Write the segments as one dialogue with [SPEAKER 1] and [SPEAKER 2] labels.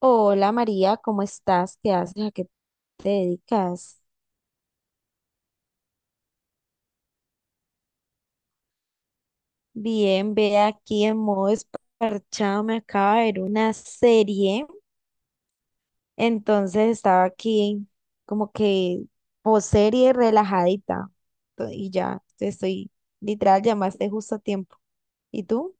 [SPEAKER 1] Hola María, ¿cómo estás? ¿Qué haces? ¿A qué te dedicas? Bien, ve aquí en modo esparchado, me acaba de ver una serie, entonces estaba aquí como que post serie relajadita y ya te estoy, literal, llamaste justo a tiempo. ¿Y tú?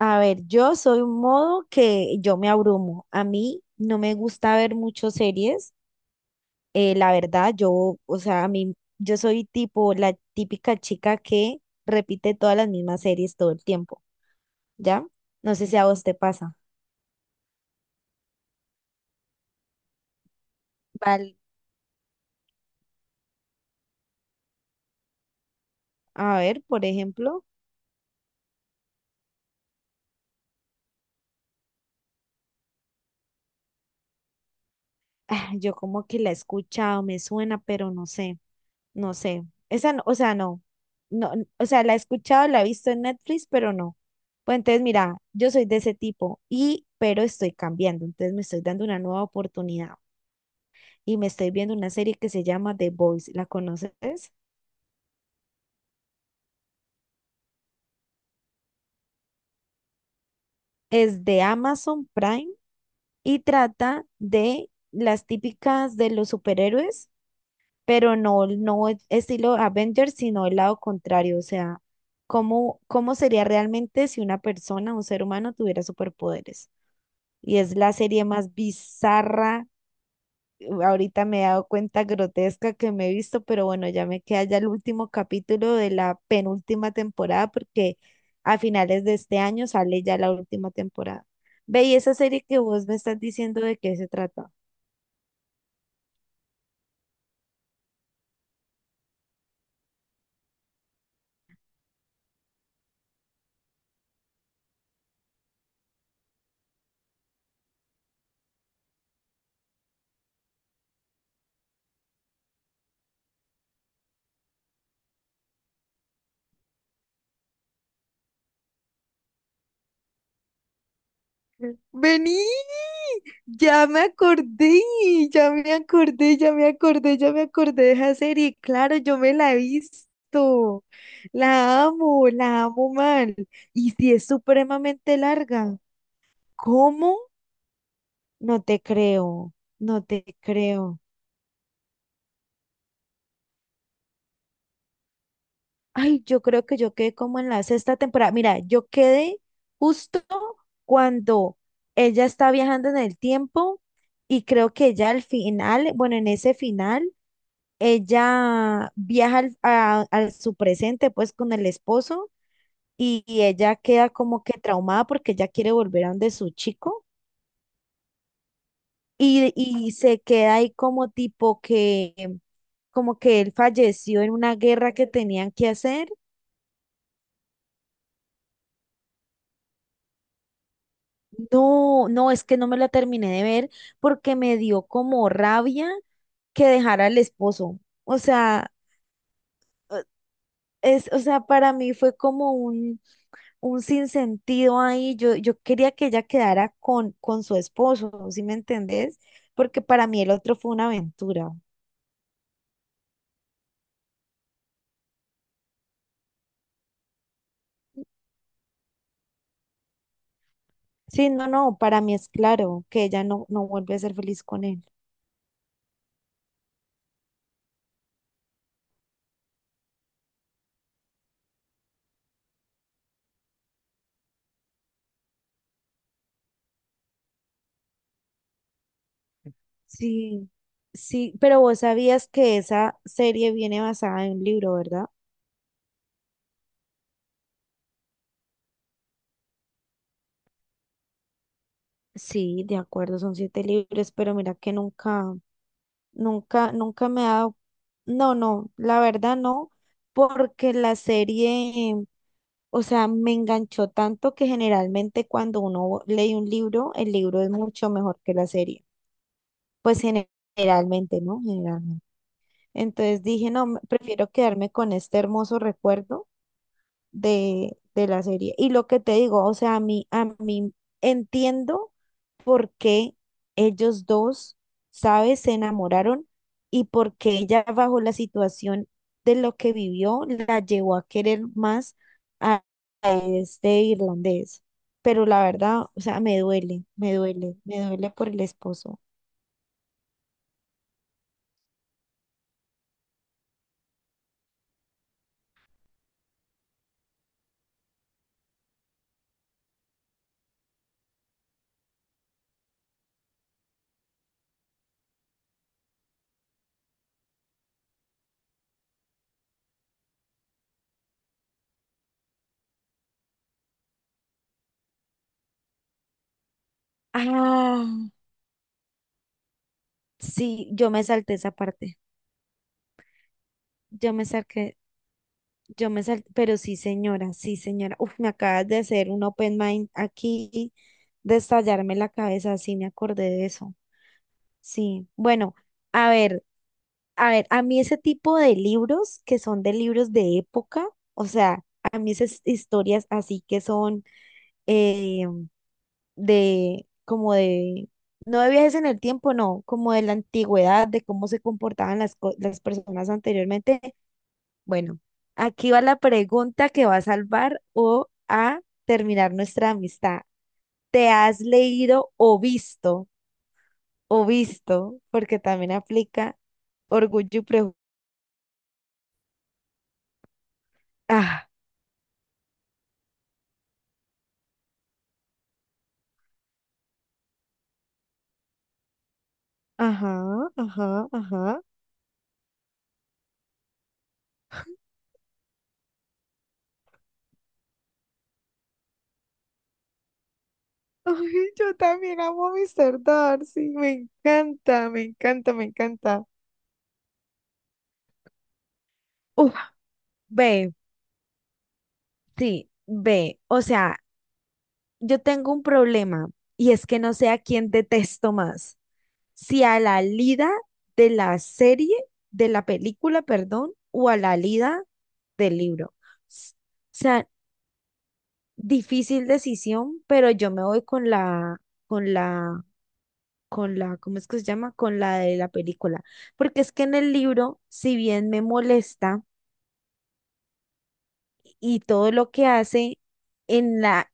[SPEAKER 1] A ver, yo soy un modo que yo me abrumo. A mí no me gusta ver muchas series. La verdad, yo, o sea, a mí, yo soy tipo la típica chica que repite todas las mismas series todo el tiempo, ¿ya? No sé si a vos te pasa. Val, a ver, por ejemplo, ah, yo como que la he escuchado, me suena, pero no sé, no sé. Esa, o sea, no, no, o sea, la he escuchado, la he visto en Netflix, pero no. Pues entonces, mira, yo soy de ese tipo y, pero estoy cambiando, entonces me estoy dando una nueva oportunidad y me estoy viendo una serie que se llama The Boys, ¿la conoces? Es de Amazon Prime y trata de las típicas de los superhéroes, pero no, estilo Avengers, sino el lado contrario, o sea, cómo sería realmente si una persona, un ser humano, tuviera superpoderes. Y es la serie más bizarra ahorita me he dado cuenta grotesca que me he visto, pero bueno, ya me queda ya el último capítulo de la penúltima temporada porque a finales de este año sale ya la última temporada. Ve, y esa serie que vos me estás diciendo de qué se trata. Vení, ya me acordé, ya me acordé, ya me acordé, ya me acordé de esa serie. Claro, yo me la he visto. La amo mal. Y si es supremamente larga, ¿cómo? No te creo, no te creo. Ay, yo creo que yo quedé como en la sexta temporada. Mira, yo quedé justo cuando ella está viajando en el tiempo y creo que ella al final, bueno, en ese final, ella viaja a su presente pues con el esposo y ella queda como que traumada porque ella quiere volver a donde su chico y se queda ahí como tipo que... Como que él falleció en una guerra que tenían que hacer. No, no, es que no me la terminé de ver porque me dio como rabia que dejara al esposo. O sea, eh, es, o sea, para mí fue como un sinsentido ahí. Yo quería que ella quedara con su esposo, ¿sí me entendés? Porque para mí el otro fue una aventura. Sí, no, no, para mí es claro que ella no, no vuelve a ser feliz con él. Sí, sí, pero vos sabías que esa serie viene basada en un libro, ¿verdad? Sí, de acuerdo, son siete libros, pero mira que nunca, nunca, nunca me ha dado, no, no, la verdad no, porque la serie, o sea, me enganchó tanto que generalmente cuando uno lee un libro, el libro es mucho mejor que la serie, pues gene- generalmente, ¿no? Generalmente. Entonces dije, no, prefiero quedarme con este hermoso recuerdo de la serie. Y lo que te digo, o sea, a mí entiendo por qué ellos dos, ¿sabes?, se enamoraron y por qué ella bajo la situación de lo que vivió la llevó a querer más a este irlandés. Pero la verdad, o sea, me duele, me duele, me duele por el esposo. Ah, sí, yo me salté esa parte. Yo me salté Yo me salté, pero sí, señora, sí, señora. Uf, me acabas de hacer un open mind aquí, de estallarme la cabeza, sí, me acordé de eso. Sí, bueno, a ver, a ver, a mí ese tipo de libros que son de libros de época, o sea, a mí esas historias así que son eh, de, como de, no de viajes en el tiempo, no, como de la antigüedad, de cómo se comportaban las, las personas anteriormente, bueno, aquí va la pregunta que va a salvar o a terminar nuestra amistad. ¿Te has leído o visto, porque también aplica orgullo y prejuicio? Ah, ajá, ajá, ajá. Ay, yo también amo a Mr. Darcy, me encanta, me encanta, me encanta. Uf, ve, sí, ve, o sea, yo tengo un problema y es que no sé a quién detesto más. Si a la Lida de la serie, de la película, perdón, o a la Lida del libro. O sea, difícil decisión, pero yo me voy con la, con la, con la, ¿cómo es que se llama? Con la de la película. Porque es que en el libro, si bien me molesta y todo lo que hace, en la,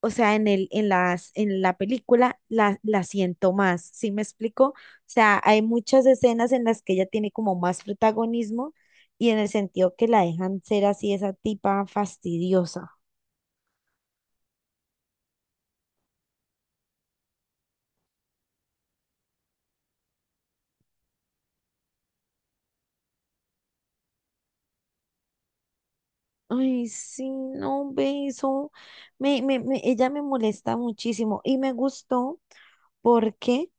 [SPEAKER 1] o sea, en el, en las, en la película la, la siento más, ¿sí me explico? O sea, hay muchas escenas en las que ella tiene como más protagonismo y en el sentido que la dejan ser así esa tipa fastidiosa. Ay, sí, no, ve eso. Ella me molesta muchísimo y me gustó porque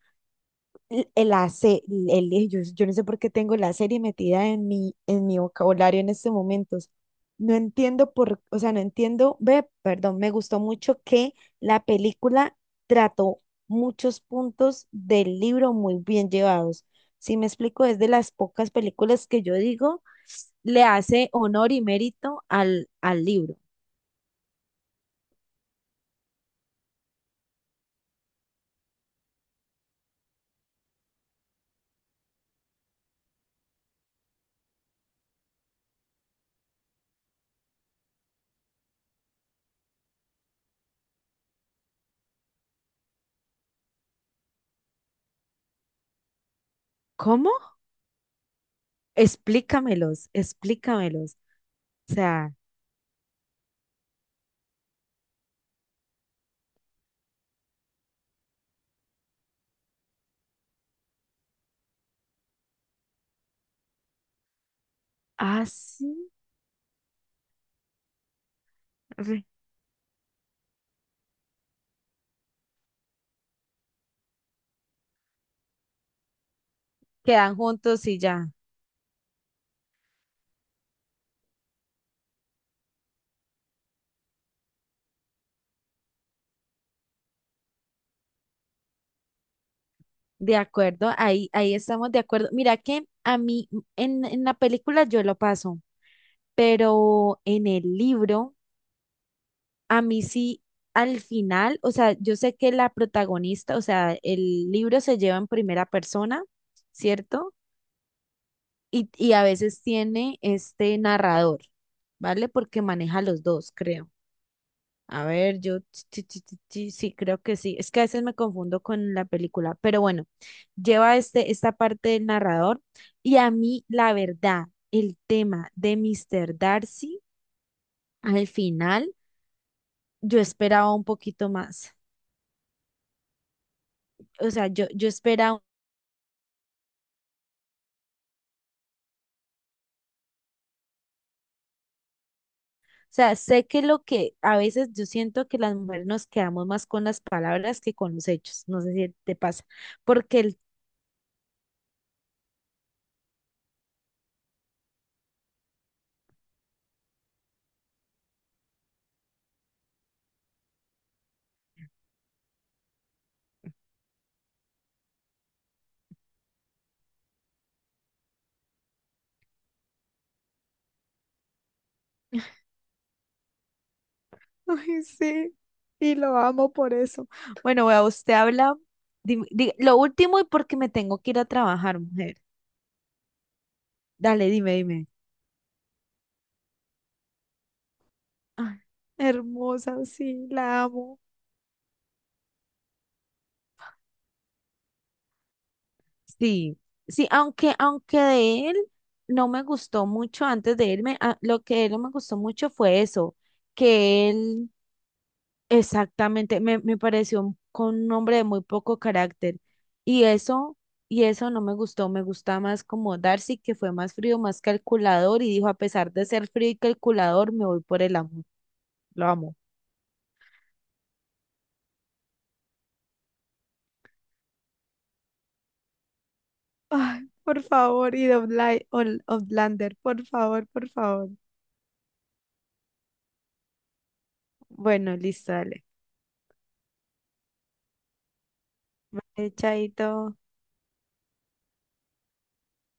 [SPEAKER 1] l- la se- yo, yo no sé por qué tengo la serie metida en mi vocabulario en estos momentos. No entiendo por, o sea, no entiendo, ve, perdón, me gustó mucho que la película trató muchos puntos del libro muy bien llevados. Si me explico, es de las pocas películas que yo digo le hace honor y mérito al, al libro. ¿Cómo? Explícamelos, explícamelos. O sea, así quedan juntos y ya. De acuerdo, ahí, ahí estamos de acuerdo. Mira que a mí en la película yo lo paso. Pero en el libro, a mí sí, al final, o sea, yo sé que la protagonista, o sea, el libro se lleva en primera persona, ¿cierto? Y a veces tiene este narrador, ¿vale? Porque maneja los dos, creo. A ver, yo sí, sí, sí, sí, sí, creo que sí. Es que a veces me confundo con la película, pero bueno, lleva este, esta parte del narrador y a mí, la verdad, el tema de Mr. Darcy al final. Yo esperaba un poquito más. O sea, yo esperaba, o sea, sé que lo que a veces yo siento que las mujeres nos quedamos más con las palabras que con los hechos. No sé si te pasa, porque el, ay, sí, y lo amo por eso. Bueno, vea, usted habla, lo último y porque me tengo que ir a trabajar, mujer. Dale, dime, dime. Ay, hermosa, sí, la amo. Sí, sí, aunque, aunque de él no me gustó mucho antes de irme, lo que de él no me gustó mucho fue eso, que él exactamente me, me pareció con un hombre de muy poco carácter. Y eso, y eso no me gustó, me gusta más como Darcy, que fue más frío, más calculador, y dijo, a pesar de ser frío y calculador, me voy por el amor, lo amo. Ay, por favor, y de Outlander, por favor, por favor. Bueno, listo, dale. Vale, chaito.